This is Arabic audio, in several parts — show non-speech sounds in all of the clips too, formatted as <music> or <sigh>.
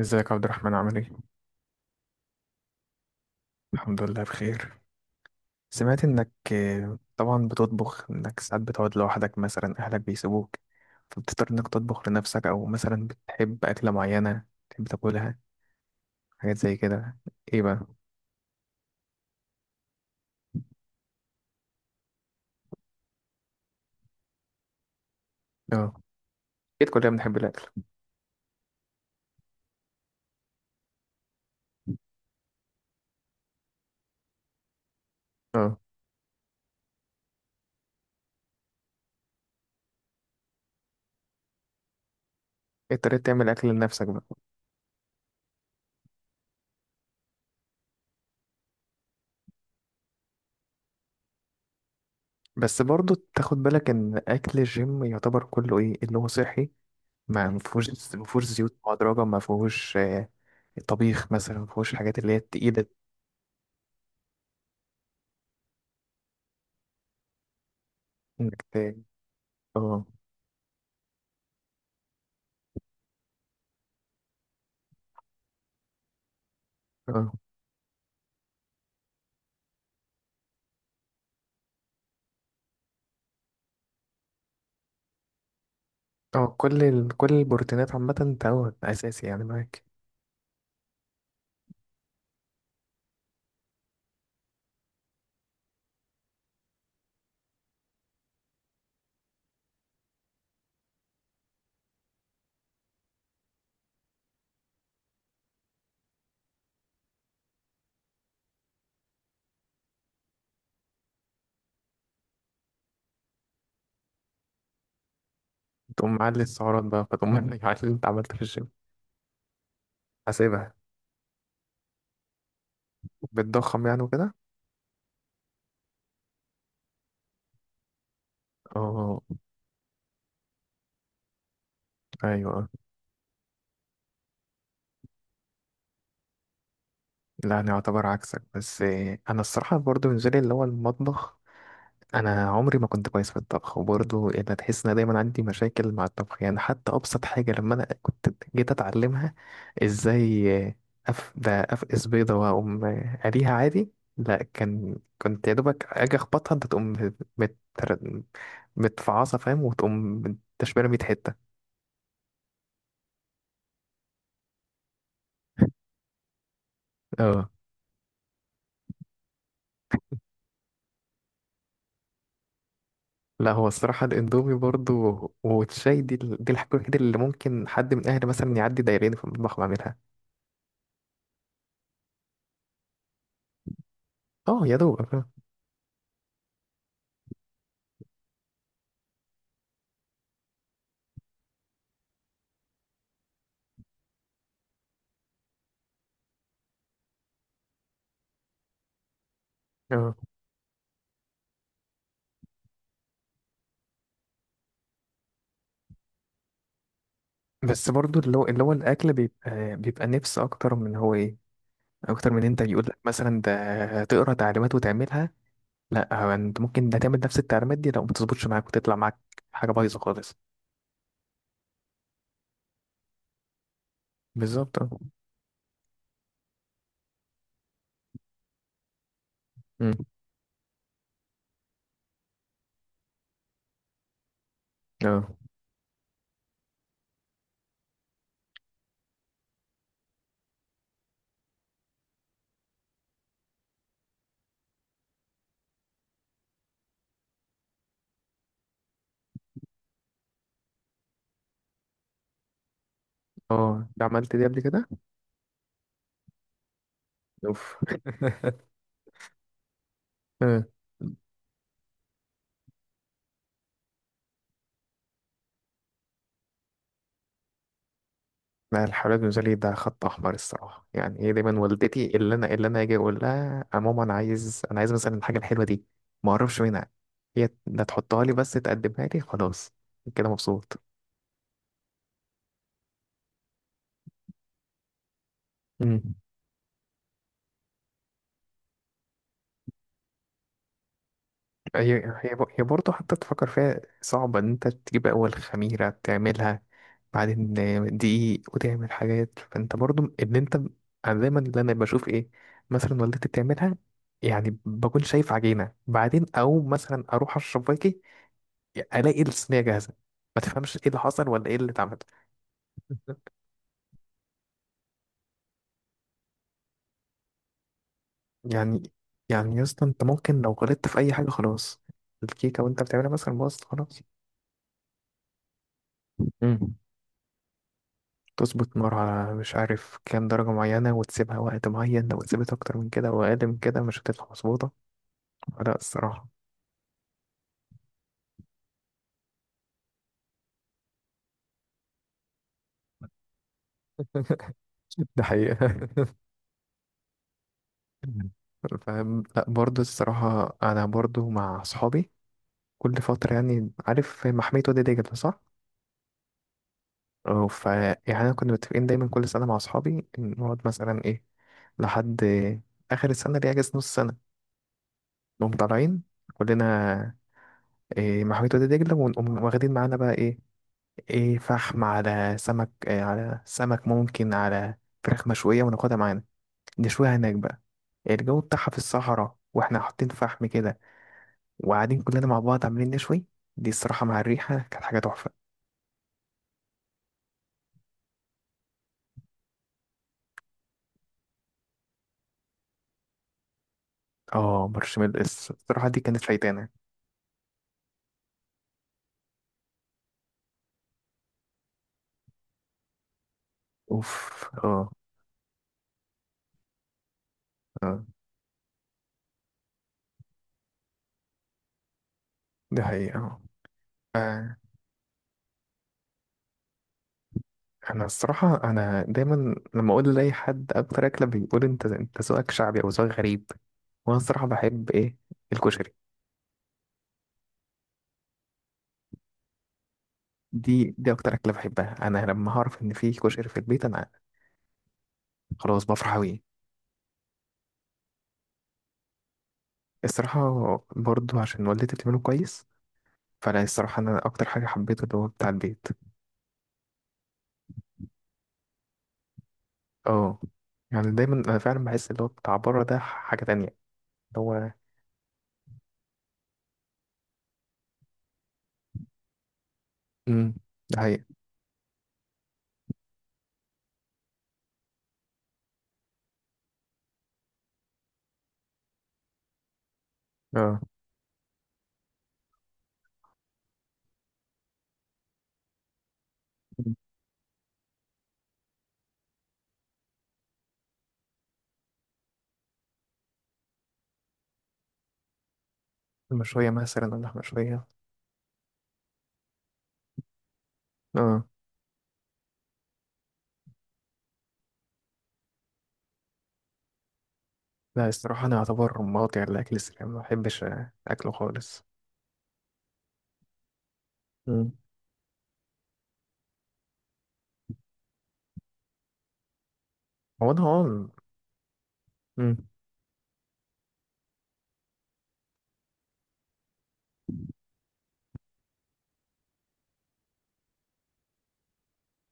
ازيك يا عبد الرحمن، عامل ايه؟ الحمد لله بخير. سمعت انك طبعا بتطبخ، انك ساعات بتقعد لوحدك، مثلا اهلك بيسيبوك فبتضطر انك تطبخ لنفسك، او مثلا بتحب اكلة معينة تحب تاكلها، حاجات زي كده. ايه بقى؟ اه، اكيد كلنا بنحب الاكل. اه، اضطريت تعمل اكل لنفسك بقى. بس برضو تاخد بالك ان اكل الجيم يعتبر كله ايه اللي هو صحي، ما فيهوش زيوت مهدرجة، ما فيهوش طبيخ مثلا، ما فيهوش الحاجات اللي هي التقيلة. انك ت- اه، اه، اه، كل البروتينات عامة تعود أساسي يعني معاك. تقوم معلي السعرات بقى، فتقوم معلي اللي أنت عملته في الجيم. حاسبها. بتضخم يعني وكده. اه، أيوه. لا، أنا أعتبر عكسك بس. أنا الصراحة برضو بالنسبة لي اللي هو المطبخ، انا عمري ما كنت كويس في الطبخ، وبرضه يعني تحس ان أنا دايما عندي مشاكل مع الطبخ. يعني حتى ابسط حاجه لما انا كنت جيت اتعلمها، ازاي؟ ده افقس بيضه واقوم قليها عادي. لا كان كنت يا دوبك اجي اخبطها انت تقوم مت... متفعصه، فاهم، وتقوم تشبيره 100 حته. اه، لا هو الصراحه الاندومي برضه والشاي دي الحاجه الوحيده اللي ممكن حد من اهلي مثلا يعدي دايرين في المطبخ ويعملها. اه، يا دوب. بس برضو اللي هو الاكل بيبقى نفس، اكتر من هو ايه، اكتر من انت يقول لك مثلا ده تقرا تعليمات وتعملها. لا، هو انت ممكن ده تعمل نفس التعليمات دي، لو ما تظبطش معاك وتطلع معاك حاجه بايظه خالص. بالظبط اه. أمم. اه، اه، ده عملت دي قبل كده. اوف. <laughs> آه. لا، الحالات بالنسبة لي ده خط أحمر الصراحة. يعني هي دايما والدتي اللي أنا أجي أقول لها يا ماما، أنا عايز مثلا الحاجة الحلوة دي، ما أعرفش منها، هي ده تحطها لي، بس تقدمها لي خلاص، كده مبسوط. مم. هي هي برضه حتى تفكر فيها صعبة، إن أنت تجيب أول خميرة تعملها، بعدين دقيق وتعمل حاجات، فأنت برضه إن أنت أنا دايما اللي أنا بشوف إيه، مثلا والدتي بتعملها، يعني بكون شايف عجينة، بعدين أو مثلا أروح أشرب باقي الاقي الصينيه جاهزه، ما تفهمش ايه اللي حصل ولا ايه اللي اتعمل. يعني يعني يا اسطى انت ممكن لو غلطت في اي حاجه خلاص، الكيكه وانت بتعملها مثلا باظت خلاص. مم. تظبط نار على مش عارف كام درجه معينه، وتسيبها وقت معين، لو اتسابت اكتر من كده او اقل من كده مش هتطلع مظبوطه. لا الصراحه. <laughs> ده حقيقة. مم. فاهم. لا برضه الصراحه انا برضه مع اصحابي كل فتره، يعني عارف محميه وادي دجله، صح؟ اه، ف يعني انا كنا متفقين دايما كل سنه مع اصحابي إن نقعد مثلا ايه لحد اخر السنه، اللي هي اجازه نص سنه، نقوم طالعين كلنا، إيه، محمية وادي دجله، ونقوم واخدين معانا بقى ايه فحم، على سمك، إيه على سمك، ممكن على فراخ مشويه، وناخدها معانا نشويها هناك بقى. الجو بتاعها في الصحراء واحنا حاطين فحم كده، وقاعدين كلنا مع بعض عاملين نشوي، دي الصراحه مع الريحه كانت حاجه تحفه. اه، مارشميلو الصراحه دي كانت فايتانه. اوف، اه. اه، دي حقيقة اه. آه، أنا الصراحة أنا دايما لما أقول لأي حد أكتر أكلة بيقول أنت ذوقك شعبي أو ذوقك غريب. وأنا الصراحة بحب إيه، الكشري. دي أكتر أكلة بحبها، أنا لما هعرف إن في كشري في البيت أنا خلاص بفرح أوي. الصراحة برضو عشان والدتي بتعمله كويس، فأنا الصراحة أنا أكتر حاجة حبيته اللي هو بتاع البيت. أه. يعني دايما أنا فعلا بحس اللي هو بتاع بره ده حاجة تانية. اللي هو أمم، ده حقيقة. أه. المشوية مثلا، اللحمة المشوية. اه لا، الصراحة أنا أعتبر مقاطع الأكل السريع ما بحبش أكله خالص. مم. هو أنا هو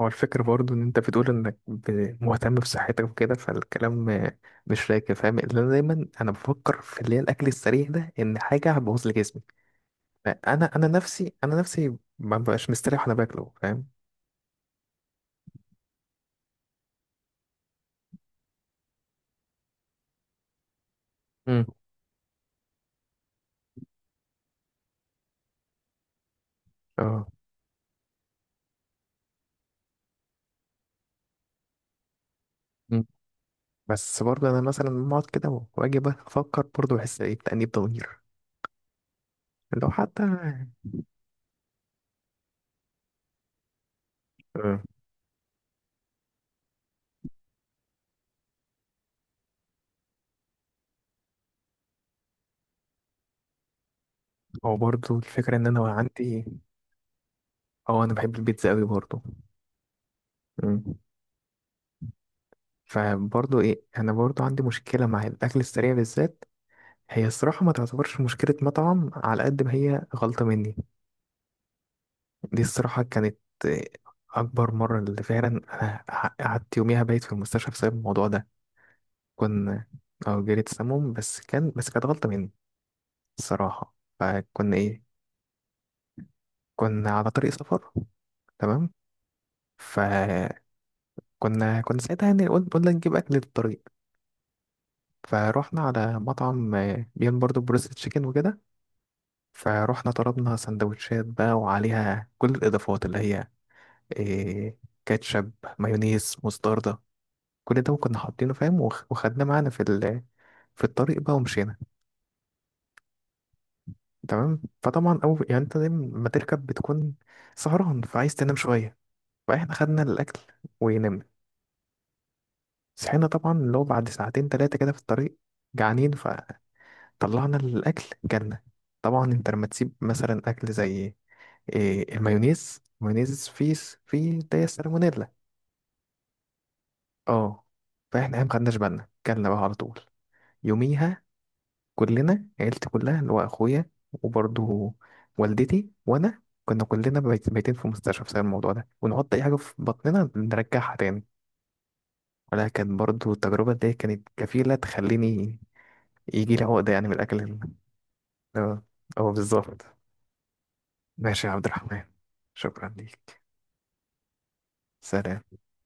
هو الفكرة برضو إن أنت بتقول إنك مهتم بصحتك وكده، فالكلام مش راكب فاهم، لأن أنا دايما أنا بفكر في اللي هي الأكل السريع ده إن حاجة هتبوظ لي جسمي. فأنا أنا نفسي أنا نفسي ما ببقاش مستريح وأنا باكله، فاهم. مم. اه. مم. بس برضو أنا مثلا بقعد كده وأجي أفكر، برضو بحس إيه، بتأنيب ضمير لو حتى. آه، هو برضو الفكرة إن أنا عندي، اه انا بحب البيتزا قوي برضو. مم. فبرضو ايه، انا برضو عندي مشكلة مع الاكل السريع بالذات. هي الصراحة ما تعتبرش مشكلة مطعم، على قد ما هي غلطة مني. دي الصراحة كانت آه، اكبر مرة اللي فعلا انا قعدت يوميها بايت في المستشفى بسبب الموضوع ده. كنا اه جالي سموم، بس كانت غلطة مني الصراحة. فكنا ايه، كنا على طريق سفر، تمام. فكنا كنا ساعتها يعني قلنا نجيب اكل للطريق، فروحنا على مطعم بيعمل برضه بروست تشيكن وكده. فروحنا طلبنا سندوتشات بقى، وعليها كل الإضافات اللي هي إيه، كاتشب، مايونيز، مستردة، كل ده كنا حاطينه فاهم، وخدناه معانا في الطريق بقى ومشينا. تمام، فطبعا أول يعني أنت دايما ما تركب بتكون سهران، فعايز تنام شوية، فإحنا خدنا الأكل ونمنا. صحينا طبعا اللي هو بعد ساعتين تلاتة كده في الطريق، جعانين، فطلعنا الأكل جالنا. طبعا انت لما تسيب مثلا اكل زي إيه، المايونيز، المايونيز فيه ده سالمونيلا. اه. فاحنا إيه، ما خدناش بالنا، كلنا بقى على طول يوميها، كلنا، عيلتي كلها اللي هو اخويا وبرضه والدتي وانا، كنا كلنا بايتين في مستشفى بسبب الموضوع ده، ونحط اي حاجه في بطننا نرجعها تاني. ولا، كانت برضه التجربه دي كانت كفيله تخليني يجي لي عقده، يعني من الاكل اه. اه، بالظبط. ماشي يا عبد الرحمن، شكرا ليك. سلام.